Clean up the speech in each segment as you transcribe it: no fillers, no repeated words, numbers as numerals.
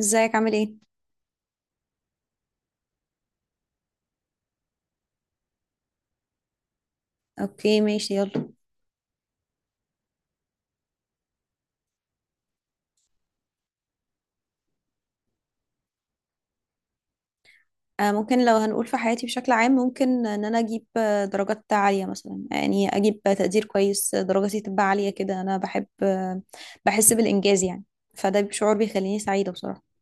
ازيك عامل ايه؟ اوكي ماشي يلا. ممكن، لو هنقول في حياتي بشكل عام، ممكن ان انا اجيب درجات عالية مثلا، يعني اجيب تقدير كويس، درجتي تبقى عالية كده. انا بحب، بحس بالانجاز يعني. فده شعور بيخليني سعيدة بصراحة.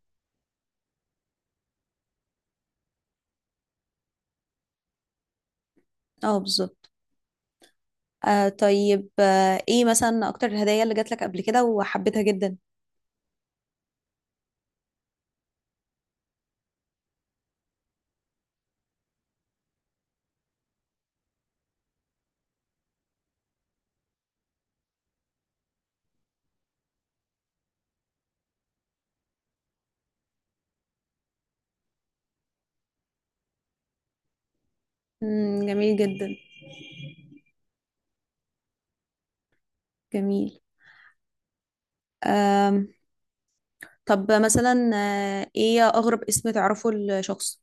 اه بالظبط. طيب، ايه مثلا اكتر الهدايا اللي جات لك قبل كده وحبيتها جدا؟ مم، جميل جدا. جميل. آم طب مثلا، ايه اغرب اسم تعرفه لشخص؟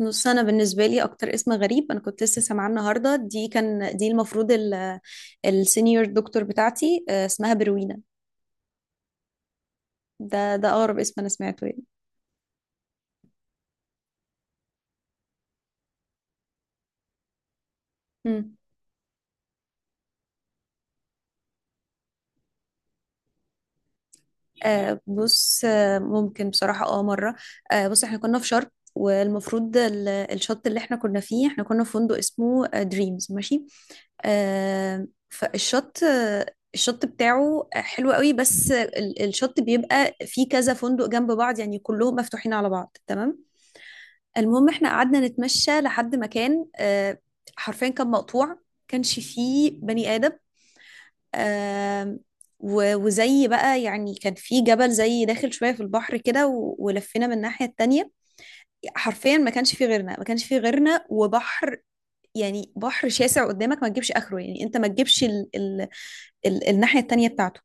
نص، انا بالنسبه لي اكتر اسم غريب انا كنت لسه سامعاه النهارده دي، كان دي المفروض السينيور دكتور بتاعتي، اسمها بروينا. ده اقرب اسم انا سمعته يعني. مم. بص، ممكن بصراحة، اه مرة. بص، احنا كنا في شرم، والمفروض الشط اللي احنا كنا فيه، احنا كنا في فندق اسمه دريمز، ماشي. آه فالشط آه الشط بتاعه حلو قوي، بس الشط بيبقى فيه كذا فندق جنب بعض، يعني كلهم مفتوحين على بعض، تمام. المهم احنا قعدنا نتمشى لحد مكان، حرفيا كان مقطوع، كانش فيه بني آدم، آم، وزي بقى يعني كان في جبل زي داخل شوية في البحر كده، ولفينا من الناحية التانية. حرفيا ما كانش فيه غيرنا، ما كانش فيه غيرنا، وبحر، يعني بحر شاسع قدامك ما تجيبش آخره، يعني انت ما تجيبش ال ال ال الناحية التانية بتاعته.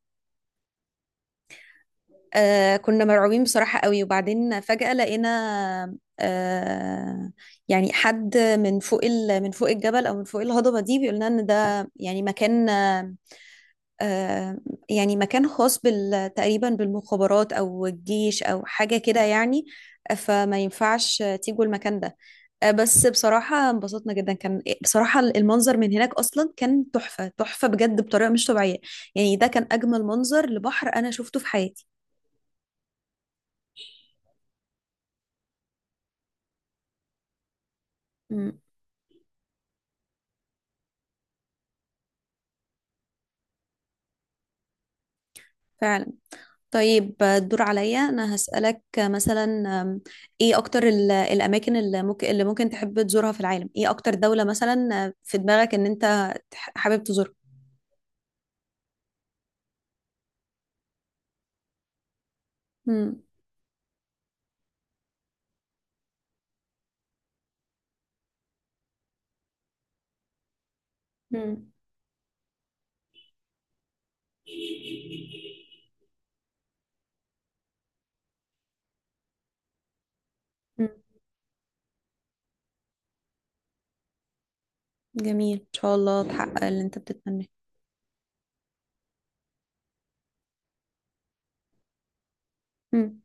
كنا مرعوبين بصراحة قوي، وبعدين فجأة لقينا، يعني حد من فوق من فوق الجبل، أو من فوق الهضبة دي، بيقول لنا إن ده يعني مكان، آه يعني مكان خاص بال تقريبا، بالمخابرات أو الجيش أو حاجة كده يعني، فما ينفعش تيجوا المكان ده. بس بصراحة انبسطنا جدا، كان إيه، بصراحة المنظر من هناك أصلا كان تحفة تحفة بجد، بطريقة مش طبيعية، يعني ده كان أجمل منظر لبحر أنا شفته في حياتي. مم. فعلا. طيب، الدور عليا، انا هسألك مثلا، أم، ايه اكتر الاماكن اللي ممكن تحب تزورها في العالم؟ ايه اكتر دولة مثلا، في دماغك ان انت حابب تزورها؟ مم. مم. مم. جميل، ان شاء الله تحقق اللي انت بتتمناه. مم.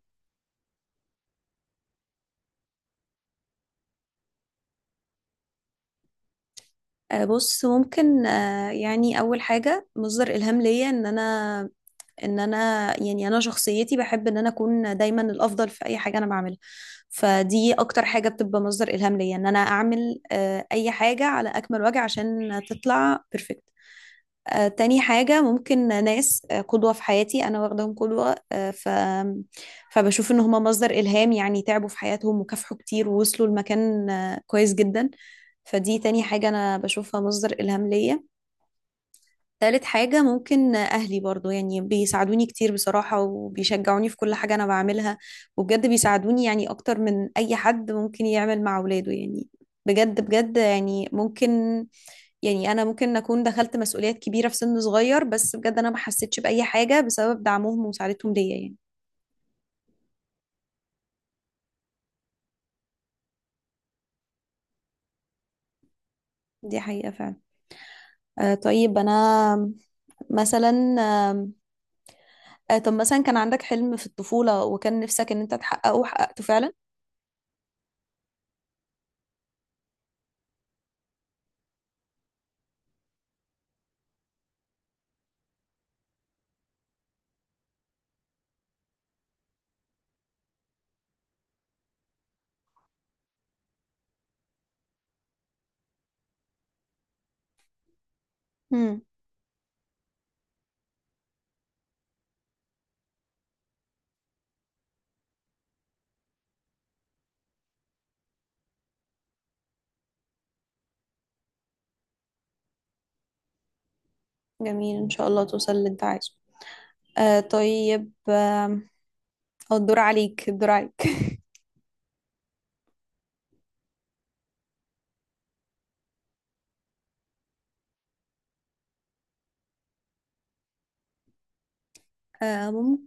بص، ممكن يعني اول حاجة مصدر الهام ليا، ان انا يعني انا شخصيتي بحب ان انا اكون دايما الافضل في اي حاجه انا بعملها. فدي اكتر حاجه بتبقى مصدر الهام ليا، ان انا اعمل اي حاجه على اكمل وجه عشان تطلع بيرفكت. تاني حاجة ممكن ناس قدوة في حياتي أنا واخداهم قدوة، فبشوف إن هما مصدر إلهام، يعني تعبوا في حياتهم وكافحوا كتير ووصلوا لمكان كويس جدا. فدي تاني حاجة أنا بشوفها مصدر إلهام ليا. تالت حاجة ممكن أهلي برضو، يعني بيساعدوني كتير بصراحة، وبيشجعوني في كل حاجة أنا بعملها، وبجد بيساعدوني يعني أكتر من أي حد ممكن يعمل مع ولاده يعني. بجد بجد يعني ممكن، يعني أنا ممكن أكون دخلت مسؤوليات كبيرة في سن صغير، بس بجد أنا ما حسيتش بأي حاجة بسبب دعمهم ومساعدتهم ليا يعني. دي حقيقة فعلا. آه طيب أنا مثلا آه آه، طب مثلا، كان عندك حلم في الطفولة وكان نفسك إن أنت تحققه وحققته فعلا؟ مم. جميل، إن شاء الله توصل اللي أنت عايزه. آه طيب آه أو الدور عليك، الدور عليك. آه مم-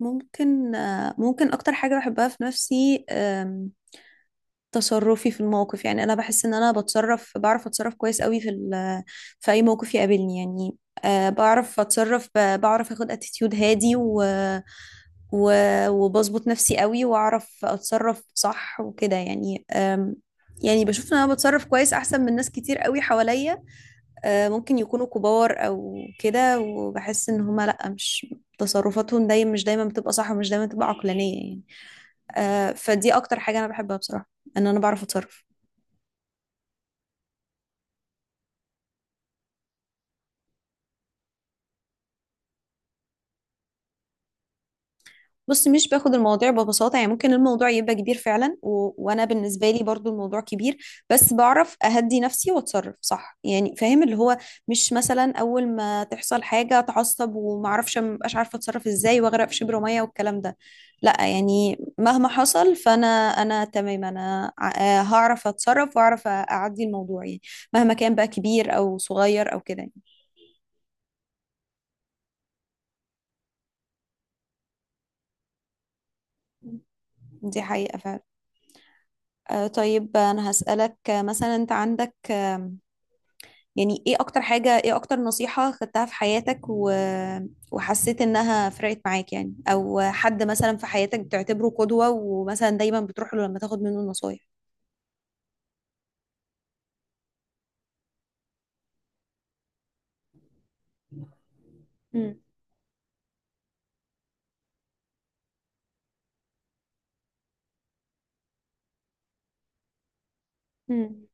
ممكن ممكن أكتر حاجة بحبها في نفسي، تصرفي في الموقف، يعني أنا بحس إن أنا، بعرف أتصرف كويس قوي في في أي موقف يقابلني يعني. بعرف أتصرف، بعرف أخد اتيتيود هادي، و وبظبط نفسي قوي، واعرف اتصرف صح وكده يعني، يعني بشوف ان انا بتصرف كويس احسن من ناس كتير قوي حواليا، ممكن يكونوا كبار او كده. وبحس ان هما لا، مش، تصرفاتهم دايما مش دايما بتبقى صح، ومش دايما بتبقى عقلانية يعني. فدي اكتر حاجة انا بحبها بصراحة، ان انا بعرف اتصرف. بص، مش باخد المواضيع ببساطة، يعني ممكن الموضوع يبقى كبير فعلا، وأنا بالنسبة لي برضو الموضوع كبير، بس بعرف أهدي نفسي وأتصرف صح، يعني فاهم اللي هو، مش مثلا أول ما تحصل حاجة أتعصب، ومعرفش، مبقاش عارفة أتصرف إزاي، وأغرق في شبر مية والكلام ده. لا يعني مهما حصل، فأنا، أنا تمام، أنا هعرف أتصرف وأعرف أعدي الموضوع، يعني مهما كان بقى كبير أو صغير أو كده يعني. دي حقيقة فعلا. طيب أنا هسألك، مثلا أنت عندك، يعني ايه اكتر حاجة، ايه اكتر نصيحة خدتها في حياتك، وحسيت انها فرقت معاك، يعني او حد مثلا في حياتك بتعتبره قدوة، ومثلا دايما بتروح له لما تاخد منه نصايح؟ مم. مم.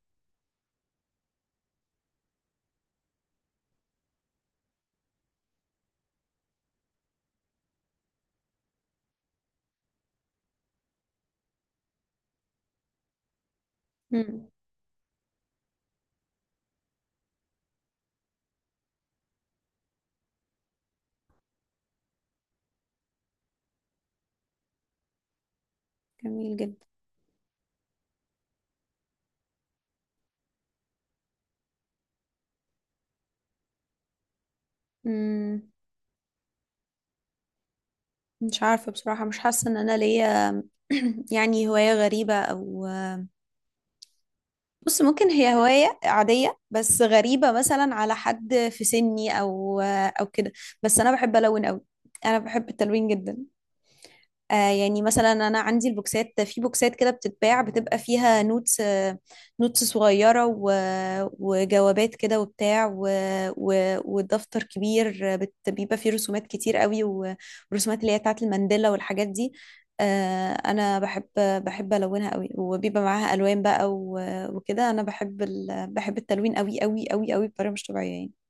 مم. جميل جدا. مم. مش عارفة بصراحة، مش حاسة ان انا ليا، يعني هواية غريبة او، بص ممكن هي هواية عادية، بس غريبة مثلا على حد في سني، او كده، بس انا بحب الون قوي، انا بحب التلوين جدا. يعني مثلا انا عندي البوكسات، في بوكسات كده بتتباع، بتبقى فيها نوتس، نوتس صغيره وجوابات كده وبتاع والدفتر كبير، بيبقى فيه رسومات كتير قوي، والرسومات اللي هي بتاعت المانديلا والحاجات دي. انا بحب الونها قوي، وبيبقى معاها الوان بقى، وكده انا بحب بحب التلوين قوي قوي قوي قوي، بطريقه مش طبيعيه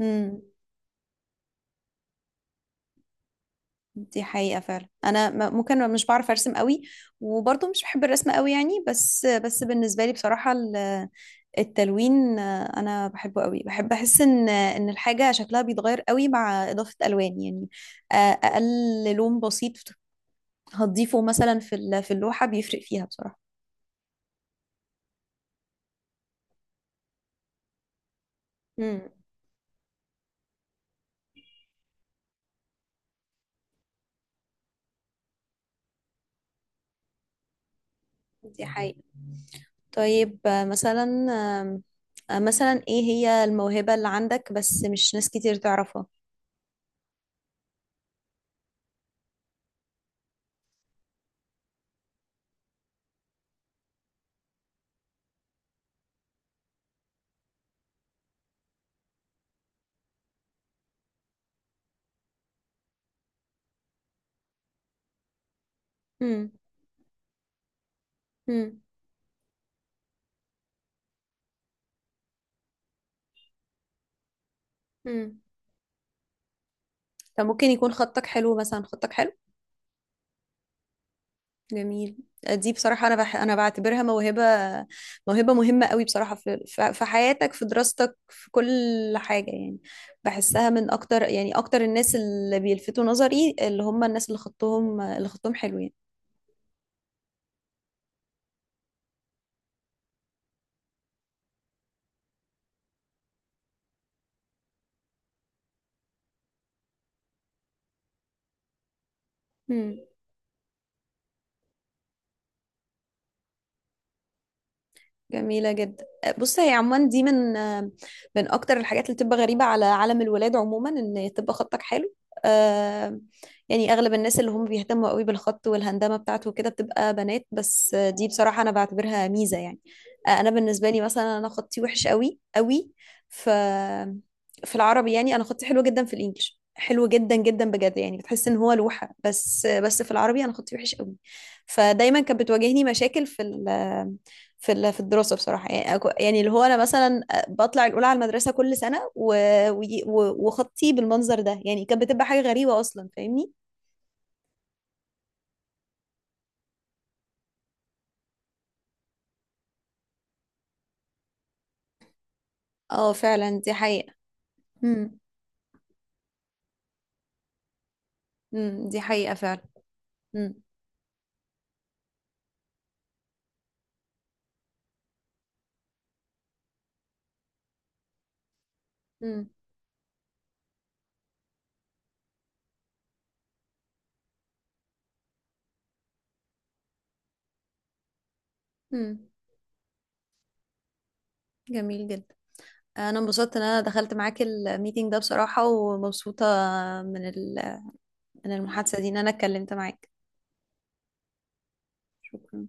يعني. دي حقيقة فعلا. أنا ممكن مش بعرف أرسم قوي، وبرضه مش بحب الرسم قوي يعني، بس بالنسبة لي بصراحة التلوين، أنا بحبه قوي، بحب أحس إن إن الحاجة شكلها بيتغير قوي مع إضافة ألوان يعني. أقل لون بسيط هتضيفه مثلا في في اللوحة، بيفرق فيها بصراحة. امم. دي حقيقة. طيب، مثلا، آم، آه، مثلا إيه هي الموهبة اللي عندك بس مش ناس كتير تعرفها؟ امم، امم. فممكن يكون خطك حلو، مثلا، خطك حلو. جميل. دي بصراحة أنا، أنا بعتبرها موهبة، موهبة مهمة قوي بصراحة، في حياتك، في دراستك، في كل حاجة يعني. بحسها من أكتر، يعني أكتر الناس اللي بيلفتوا نظري، اللي هم الناس اللي خطهم حلو يعني. جميلة جدا. بص، هي عموما دي من أكتر الحاجات اللي بتبقى غريبة على عالم الولاد عموما، إن تبقى خطك حلو، آه يعني أغلب الناس اللي هم بيهتموا قوي بالخط والهندامة بتاعته وكده، بتبقى بنات، بس دي بصراحة أنا بعتبرها ميزة يعني. أنا بالنسبة لي مثلا، أنا خطي وحش قوي قوي، ف في العربي يعني، أنا خطي حلو جدا، في الإنجليش حلو جدا جدا بجد، يعني بتحس ان هو لوحة، بس في العربي انا خطي وحش قوي. فدايما كانت بتواجهني مشاكل في الدراسة بصراحة، يعني يعني اللي هو أنا مثلا بطلع الأولى على المدرسة كل سنة، وخطي بالمنظر ده يعني، كانت بتبقى حاجة غريبة أصلا، فاهمني؟ اه فعلا، دي حقيقة. امم، امم، دي حقيقة فعلا. امم، امم، امم. جميل جدا. أنا انبسطت إن أنا دخلت معاك الميتينج ده بصراحة، ومبسوطة من ال... من المحادثة دي، إن أنا اتكلمت معاك. شكرا.